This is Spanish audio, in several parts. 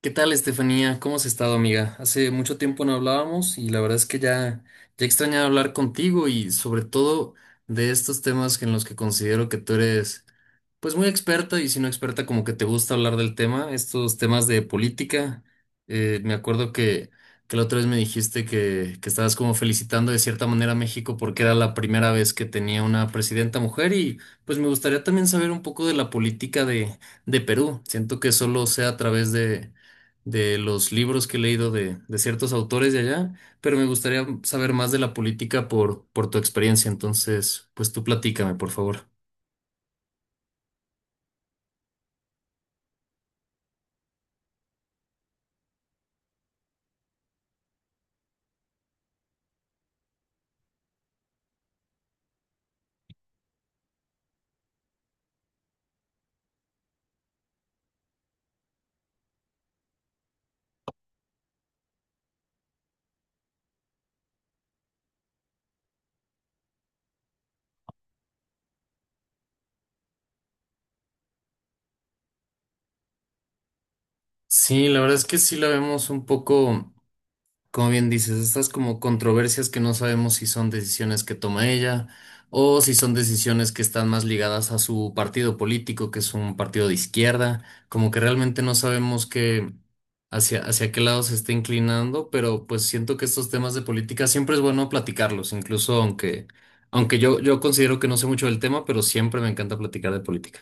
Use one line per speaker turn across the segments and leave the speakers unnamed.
¿Qué tal, Estefanía? ¿Cómo has estado, amiga? Hace mucho tiempo no hablábamos y la verdad es que ya extrañaba hablar contigo y sobre todo de estos temas en los que considero que tú eres pues muy experta y si no experta como que te gusta hablar del tema, estos temas de política. Me acuerdo que la otra vez me dijiste que estabas como felicitando de cierta manera a México porque era la primera vez que tenía una presidenta mujer y pues me gustaría también saber un poco de la política de Perú. Siento que solo sea a través de los libros que he leído de ciertos autores de allá, pero me gustaría saber más de la política por tu experiencia. Entonces, pues tú platícame, por favor. Sí, la verdad es que sí la vemos un poco. Como bien dices, estas como controversias que no sabemos si son decisiones que toma ella o si son decisiones que están más ligadas a su partido político, que es un partido de izquierda, como que realmente no sabemos qué hacia qué lado se está inclinando, pero pues siento que estos temas de política siempre es bueno platicarlos, incluso aunque yo considero que no sé mucho del tema, pero siempre me encanta platicar de política.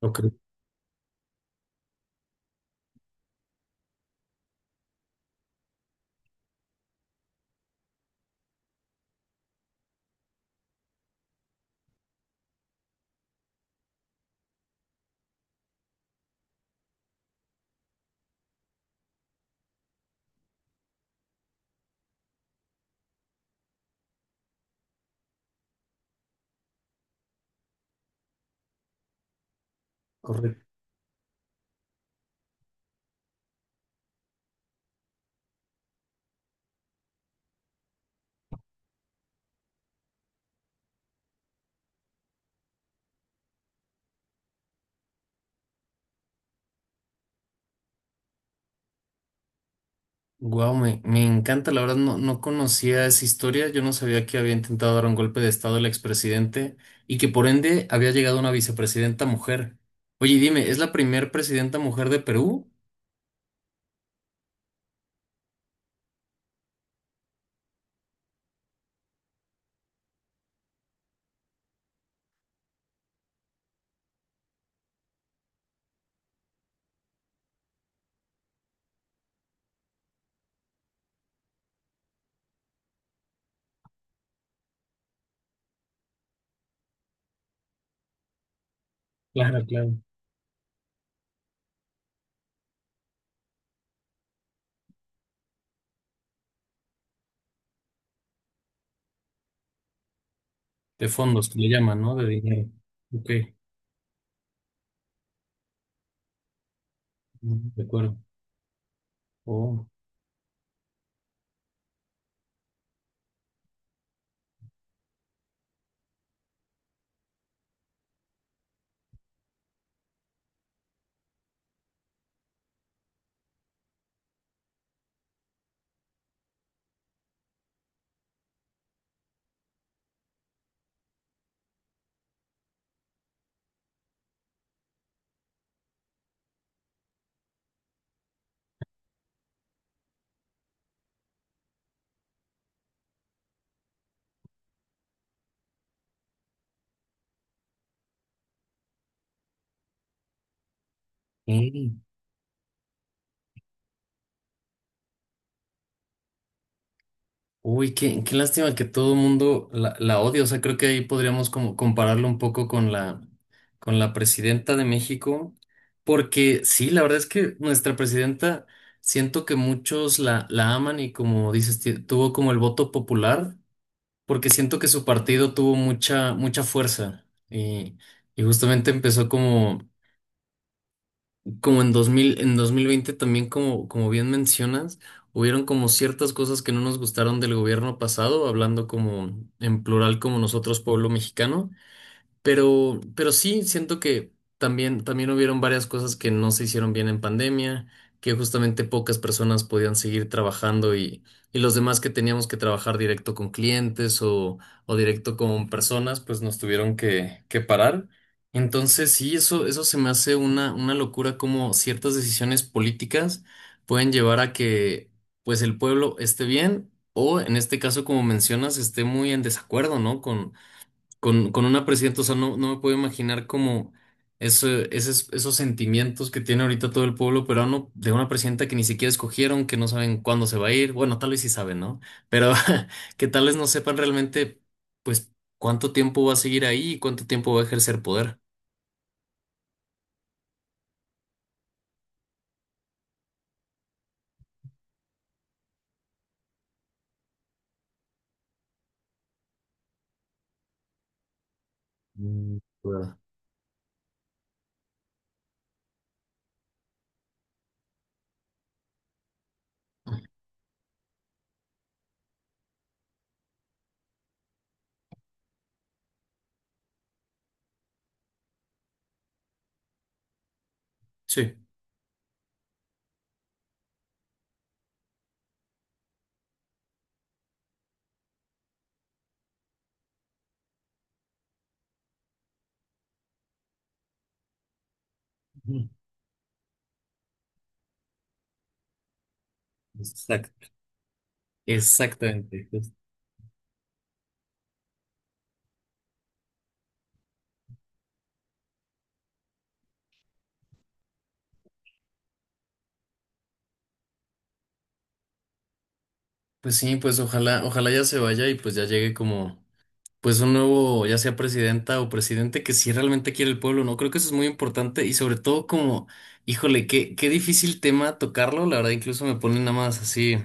Ok, correcto. Wow, me encanta, la verdad no conocía esa historia, yo no sabía que había intentado dar un golpe de estado el expresidente y que por ende había llegado una vicepresidenta mujer. Oye, y dime, ¿es la primer presidenta mujer de Perú? Claro, claro. De fondos, que le llaman, ¿no? De dinero. Ok, mm, de acuerdo. Oh, ok. Uy, qué lástima que todo el mundo la odia. O sea, creo que ahí podríamos como compararlo un poco con la presidenta de México, porque sí, la verdad es que nuestra presidenta siento que muchos la aman y como dices, tuvo como el voto popular, porque siento que su partido tuvo mucha fuerza y, y justamente empezó como en en 2020 también como, como bien mencionas, hubieron como ciertas cosas que no nos gustaron del gobierno pasado, hablando como en plural como nosotros, pueblo mexicano, pero sí, siento que también hubieron varias cosas que no se hicieron bien en pandemia, que justamente pocas personas podían seguir trabajando y los demás que teníamos que trabajar directo con clientes o directo con personas, pues nos tuvieron que parar. Entonces, sí, eso se me hace una locura como ciertas decisiones políticas pueden llevar a que pues el pueblo esté bien o en este caso, como mencionas, esté muy en desacuerdo, ¿no? Con una presidenta, o sea, no me puedo imaginar como esos sentimientos que tiene ahorita todo el pueblo peruano de una presidenta que ni siquiera escogieron, que no saben cuándo se va a ir. Bueno, tal vez sí saben, ¿no? Pero que tal vez no sepan realmente, pues, cuánto tiempo va a seguir ahí y cuánto tiempo va a ejercer poder. Mm, ¿verdad? Sí, ujú. Exacto. Exactamente. Pues pues sí, pues ojalá, ojalá ya se vaya y pues ya llegue como. Pues un nuevo, ya sea presidenta o presidente, que si realmente quiere el pueblo, ¿no? Creo que eso es muy importante y sobre todo como, híjole, qué difícil tema tocarlo, la verdad incluso me pone nada más así.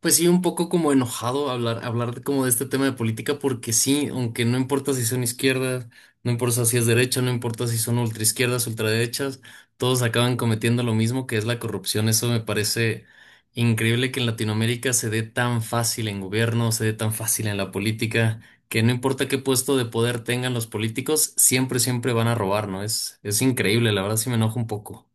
Pues sí, un poco como enojado hablar, como de este tema de política, porque sí, aunque no importa si son izquierdas, no importa si es derecha, no importa si son ultraizquierdas, ultraderechas, todos acaban cometiendo lo mismo que es la corrupción. Eso me parece increíble que en Latinoamérica se dé tan fácil en gobierno, se dé tan fácil en la política, que no importa qué puesto de poder tengan los políticos, siempre, siempre van a robar, ¿no? Es increíble, la verdad sí me enojo un poco.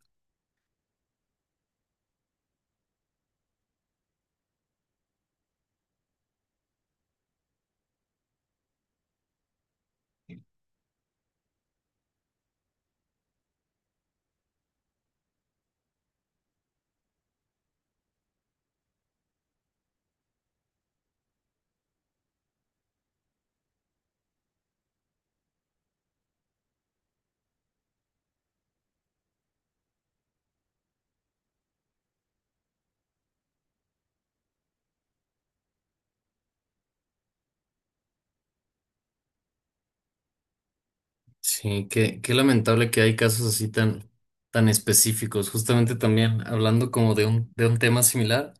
Sí, qué lamentable que hay casos así tan, tan específicos. Justamente también hablando como de un tema similar,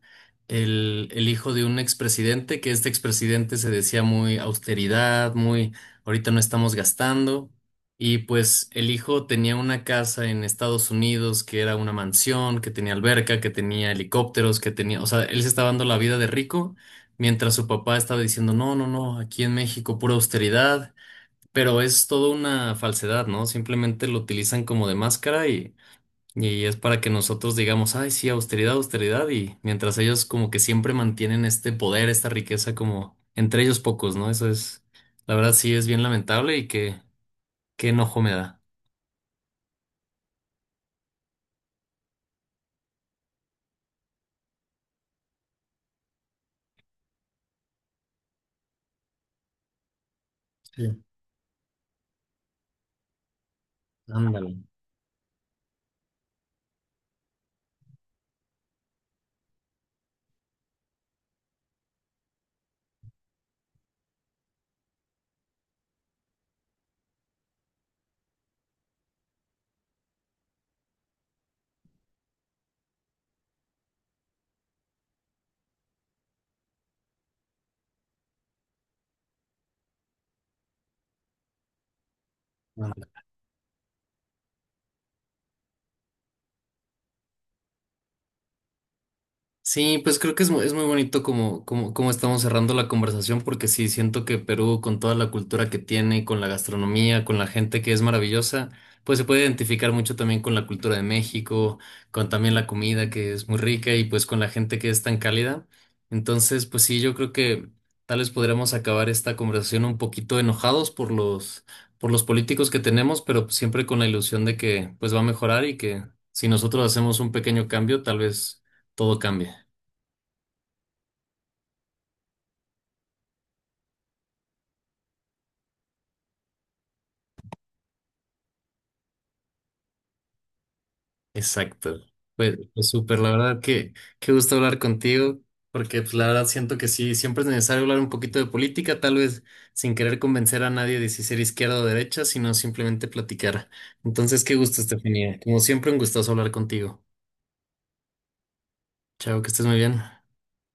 el hijo de un expresidente, que este expresidente se decía muy austeridad, muy ahorita no estamos gastando, y pues el hijo tenía una casa en Estados Unidos que era una mansión, que tenía alberca, que tenía helicópteros, que tenía, o sea, él se estaba dando la vida de rico, mientras su papá estaba diciendo, no, no, no, aquí en México pura austeridad. Pero es toda una falsedad, ¿no? Simplemente lo utilizan como de máscara y es para que nosotros digamos, ay, sí, austeridad, austeridad, y mientras ellos como que siempre mantienen este poder, esta riqueza como entre ellos pocos, ¿no? Eso es, la verdad sí es bien lamentable y que qué enojo me da. Sí, ándale, ándale. Sí, pues creo que es muy bonito como, como, como estamos cerrando la conversación, porque sí, siento que Perú, con toda la cultura que tiene, con la gastronomía, con la gente que es maravillosa, pues se puede identificar mucho también con la cultura de México, con también la comida que es muy rica y pues con la gente que es tan cálida. Entonces, pues sí, yo creo que tal vez podríamos acabar esta conversación un poquito enojados por los políticos que tenemos, pero siempre con la ilusión de que pues va a mejorar y que si nosotros hacemos un pequeño cambio, tal vez todo cambie. Exacto. Pues, pues súper, la verdad que qué gusto hablar contigo, porque pues la verdad siento que sí, siempre es necesario hablar un poquito de política, tal vez sin querer convencer a nadie de si ser izquierda o derecha, sino simplemente platicar. Entonces, qué gusto, Estefanía. Como siempre, un gustazo hablar contigo. Chao, que estés muy bien.